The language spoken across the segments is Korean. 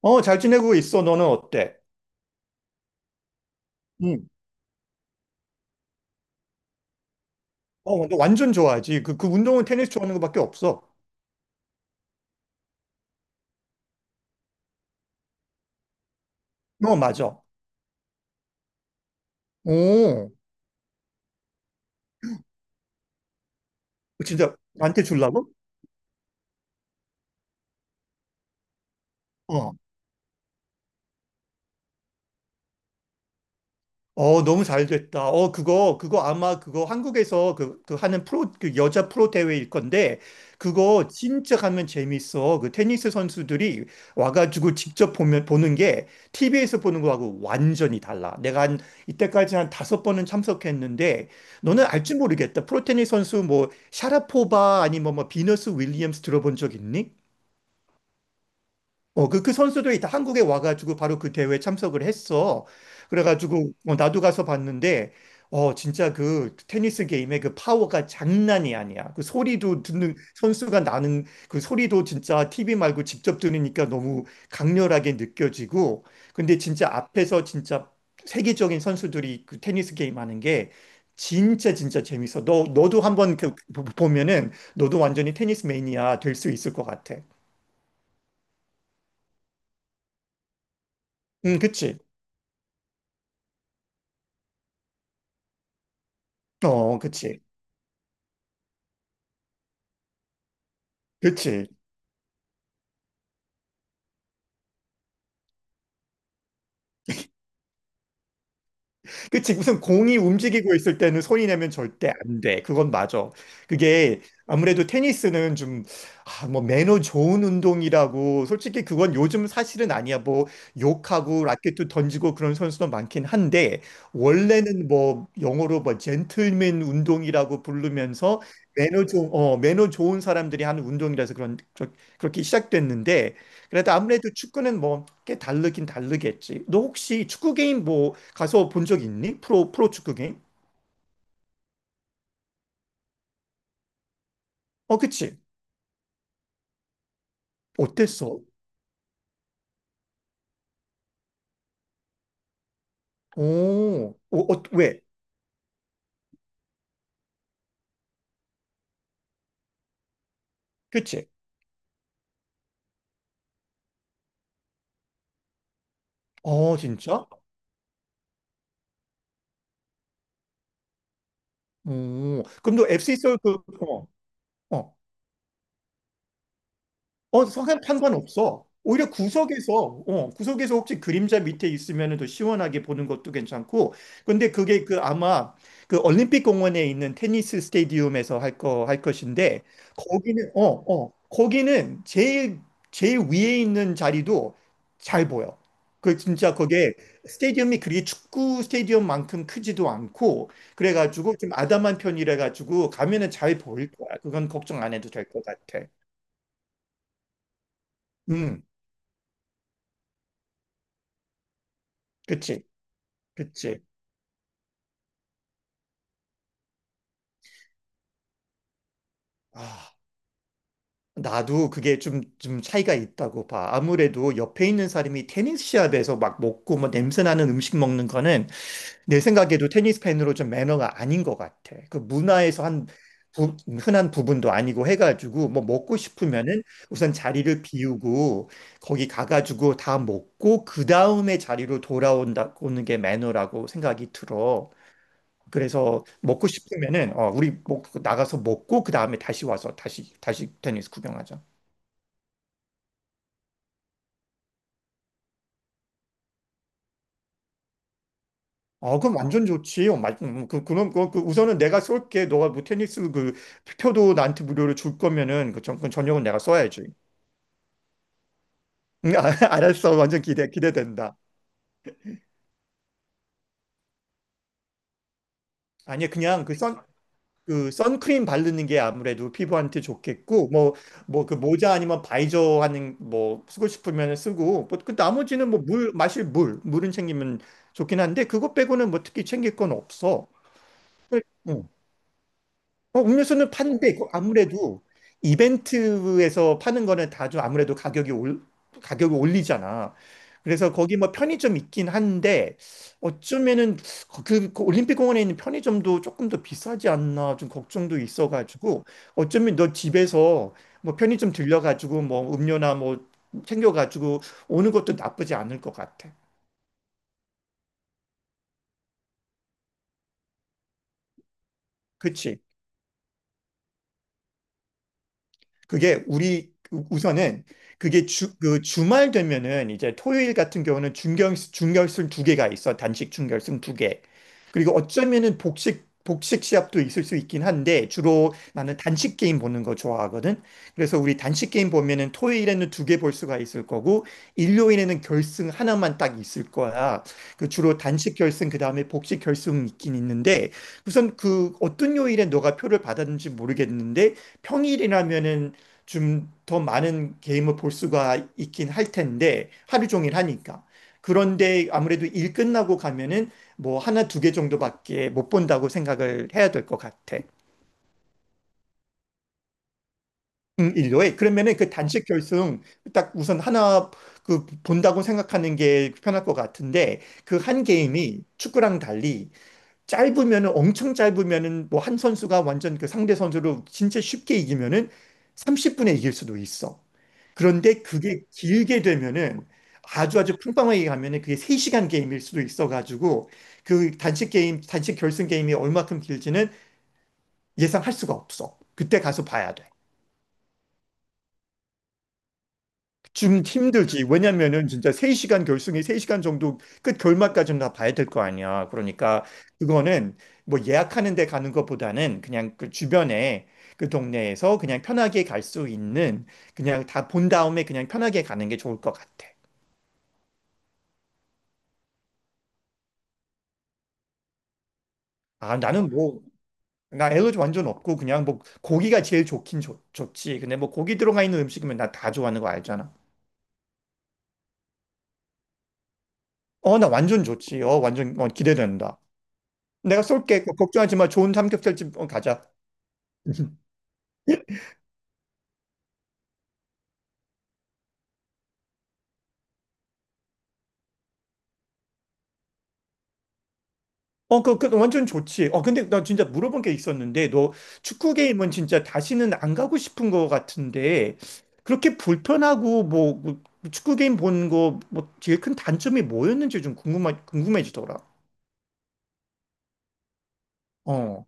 어, 잘 지내고 있어. 너는 어때? 응. 어, 너 완전 좋아하지. 그 운동은 테니스 좋아하는 것밖에 없어. 어, 맞아. 오, 진짜 나한테 주려고? 어. 어, 너무 잘 됐다. 어, 그거 아마 그거 한국에서 그 하는 프로, 그 여자 프로 대회일 건데, 그거 진짜 가면 재밌어. 그 테니스 선수들이 와가지고 직접 보면, 보는 게 TV에서 보는 거하고 완전히 달라. 내가 이때까지 한 다섯 번은 참석했는데, 너는 알지 모르겠다. 프로 테니스 선수 뭐, 샤라포바 아니면 뭐, 비너스 윌리엄스 들어본 적 있니? 어, 그 선수들이 다 한국에 와가지고 바로 그 대회에 참석을 했어. 그래가지고, 어, 나도 가서 봤는데, 어, 진짜 그 테니스 게임의 그 파워가 장난이 아니야. 그 소리도 듣는, 선수가 나는 그 소리도 진짜 TV 말고 직접 들으니까 너무 강렬하게 느껴지고, 근데 진짜 앞에서 진짜 세계적인 선수들이 그 테니스 게임 하는 게 진짜 진짜 재밌어. 너도 한번 보면은 너도 완전히 테니스 매니아 될 수 있을 것 같아. 응, 그치? 어, 그치. 그치. 그치. 무슨 공이 움직이고 있을 때는 손이 내면 절대 안 돼. 그건 맞아. 그게 아무래도 테니스는 좀, 아, 뭐, 매너 좋은 운동이라고. 솔직히 그건 요즘 사실은 아니야. 뭐, 욕하고 라켓도 던지고 그런 선수도 많긴 한데, 원래는 뭐, 영어로 뭐, 젠틀맨 운동이라고 부르면서 매너 좋은 사람들이 하는 운동이라서 그런, 그렇게 시작됐는데, 그래도 아무래도 축구는 뭐 꽤 다르긴 다르겠지. 너 혹시 축구 게임 뭐 가서 본 적 있니? 프로 축구 게임? 어, 그치. 어땠어? 오, 어, 어, 왜? 그치. 어, 진짜? 오, 그럼 너 FC 서울 그, 어, 어. 어, 상관 없어. 오히려 구석에서, 어, 구석에서 혹시 그림자 밑에 있으면 더 시원하게 보는 것도 괜찮고. 근데 그게 그 아마 그 올림픽 공원에 있는 테니스 스테디움에서 할 것인데, 거기는 제일 위에 있는 자리도 잘 보여. 그 진짜 그게 스테디움이 그리 축구 스테디움만큼 크지도 않고, 그래가지고 좀 아담한 편이라 가지고 가면은 잘 보일 거야. 그건 걱정 안 해도 될 것 같아. 음, 그치. 그치. 아, 나도 그게 좀 차이가 있다고 봐. 아무래도 옆에 있는 사람이 테니스 시합에서 막 먹고 뭐 냄새 나는 음식 먹는 거는 내 생각에도 테니스 팬으로 좀 매너가 아닌 것 같아. 그 문화에서 한 흔한 부분도 아니고 해가지고 뭐 먹고 싶으면은 우선 자리를 비우고 거기 가가지고 다 먹고 그 다음에 자리로 돌아온다, 오는 게 매너라고 생각이 들어. 그래서 먹고 싶으면은 어, 우리 먹, 나가서 먹고 그 다음에 다시 와서 다시 테니스 구경하자. 어, 그럼 완전 좋지. 어, 그럼 그 우선은 내가 쏠게. 너가 뭐 테니스 그 표도 나한테 무료로 줄 거면은 그 전, 그 전용은 내가 써야지. 아, 알았어. 완전 기대된다. 아니 그냥 그 선크림 바르는 게 아무래도 피부한테 좋겠고 뭐 뭐 그 모자 아니면 바이저 하는 뭐 쓰고 싶으면 쓰고 뭐그 나머지는 뭐 물 마실 물 물은 챙기면 좋긴 한데 그것 빼고는 뭐 특히 챙길 건 없어. 응. 어, 음료수는 파는데 그 아무래도 이벤트에서 파는 거는 다 좀 아무래도 가격이 올리잖아. 그래서 거기 뭐 편의점 있긴 한데 어쩌면은 그 올림픽 공원에 있는 편의점도 조금 더 비싸지 않나 좀 걱정도 있어가지고 어쩌면 너 집에서 뭐 편의점 들려가지고 뭐 음료나 뭐 챙겨가지고 오는 것도 나쁘지 않을 것 같아. 그치? 그게 우리 우- 선은 그게 그 주말 되면은 이제 토요일 같은 경우는 중결승 두 개가 있어. 단식 중결승 두 개. 그리고 어쩌면은 복식 시합도 있을 수 있긴 한데 주로 나는 단식 게임 보는 거 좋아하거든. 그래서 우리 단식 게임 보면은 토요일에는 두 개 볼 수가 있을 거고 일요일에는 결승 하나만 딱 있을 거야. 그 주로 단식 결승 그다음에 복식 결승 있긴 있는데 우선 그 어떤 요일에 너가 표를 받았는지 모르겠는데 평일이라면은 좀 더 많은 게임을 볼 수가 있긴 할 텐데 하루 종일 하니까. 그런데 아무래도 일 끝나고 가면은 뭐 하나 두 개 정도밖에 못 본다고 생각을 해야 될 것 같아. 일요일 그러면은 그 단식 결승 딱 우선 하나 그 본다고 생각하는 게 편할 것 같은데 그 한 게임이 축구랑 달리 짧으면은 엄청 짧으면은 뭐 한 선수가 완전 그 상대 선수로 진짜 쉽게 이기면은 30분에 이길 수도 있어. 그런데 그게 길게 되면은 아주 아주 팽팽하게 가면은 그게 3시간 게임일 수도 있어 가지고 그 단식 게임, 단식 결승 게임이 얼마큼 길지는 예상할 수가 없어. 그때 가서 봐야 돼. 좀 힘들지. 왜냐면은 진짜 3시간 결승이 3시간 정도 끝 결말까지는 다 봐야 될 거 아니야. 그러니까 그거는 뭐 예약하는 데 가는 것보다는 그냥 그 주변에 그 동네에서 그냥 편하게 갈 수 있는 그냥 다 본 다음에 그냥 편하게 가는 게 좋을 것 같아. 아, 나는 뭐, 나 엘러지 완전 없고 그냥 뭐 고기가 제일 좋지. 근데 뭐 고기 들어가 있는 음식이면 나 다 좋아하는 거 알잖아. 어, 나 완전 좋지. 어, 완전 기대된다. 내가 쏠게. 걱정하지 마. 좋은 삼겹살집 가자. 어, 완전 좋지. 어, 근데 나 진짜 물어본 게 있었는데, 너 축구 게임은 진짜 다시는 안 가고 싶은 거 같은데, 그렇게 불편하고, 뭐, 뭐, 축구 게임 본 거, 뭐, 제일 큰 단점이 뭐였는지 좀 궁금해지더라. 어,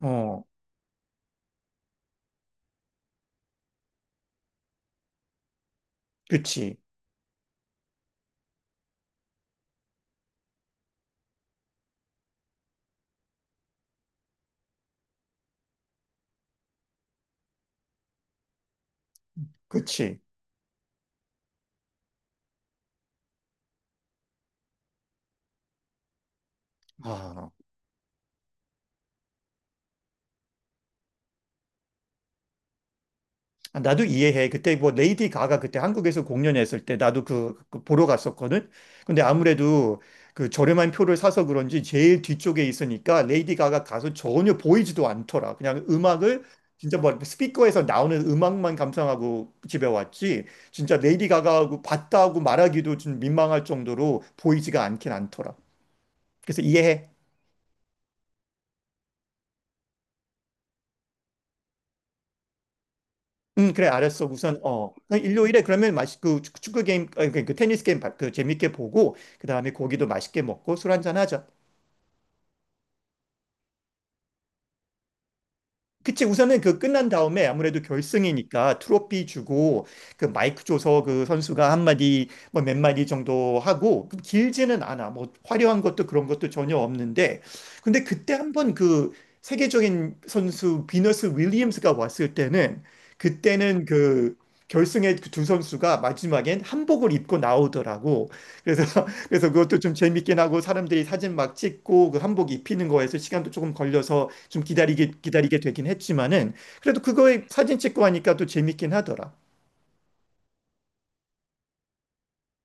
어, 그치, 그치. 아. 아, 나도 이해해. 그때 뭐 레이디 가가 그때 한국에서 공연했을 때 나도 그 보러 갔었거든. 근데 아무래도 그 저렴한 표를 사서 그런지 제일 뒤쪽에 있으니까 레이디 가가 가서 전혀 보이지도 않더라. 그냥 음악을 진짜 뭐 스피커에서 나오는 음악만 감상하고 집에 왔지. 진짜 레이디 가가하고 봤다고 말하기도 좀 민망할 정도로 보이지가 않긴 않더라. 그래서 이해해. 그래, 알았어. 우선, 어, 그 일요일에 그러면 그 축구 게임, 아니, 그 테니스 게임 그 재밌게 보고, 그 다음에 고기도 맛있게 먹고 술 한잔 하자. 그치, 우선은 그 끝난 다음에 아무래도 결승이니까 트로피 주고 그 마이크 줘서 그 선수가 한마디 뭐 몇 마디 정도 하고 그 길지는 않아. 뭐 화려한 것도 그런 것도 전혀 없는데 근데 그때 한번 그 세계적인 선수 비너스 윌리엄스가 왔을 때는 그때는 그 결승에 그 두 선수가 마지막엔 한복을 입고 나오더라고. 그래서 그래서 그것도 좀 재밌긴 하고 사람들이 사진 막 찍고 그 한복 입히는 거에서 시간도 조금 걸려서 좀 기다리게 되긴 했지만은 그래도 그거에 사진 찍고 하니까 또 재밌긴 하더라.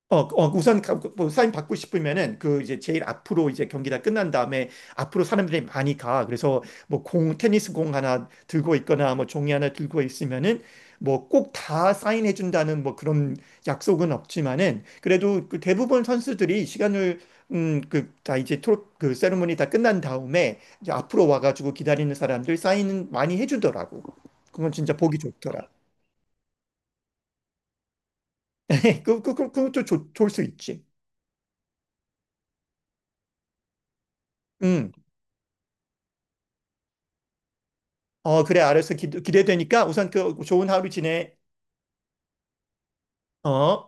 어, 어, 우선 그, 뭐 사인 받고 싶으면은 그 이제 제일 앞으로 이제 경기 다 끝난 다음에 앞으로 사람들이 많이 가. 그래서 뭐 공, 테니스 공 하나 들고 있거나 뭐 종이 하나 들고 있으면은 뭐 꼭 다 사인해 준다는 뭐 그런 약속은 없지만은 그래도 그 대부분 선수들이 시간을 그, 다 이제 그 세리머니 다 끝난 다음에 이제 앞으로 와가지고 기다리는 사람들 사인 많이 해주더라고. 그건 진짜 보기 좋더라. 그것도 좋을 수 있지. 음. 어, 그래, 알았어. 기대되니까 우선 그 좋은 하루 지내. 어.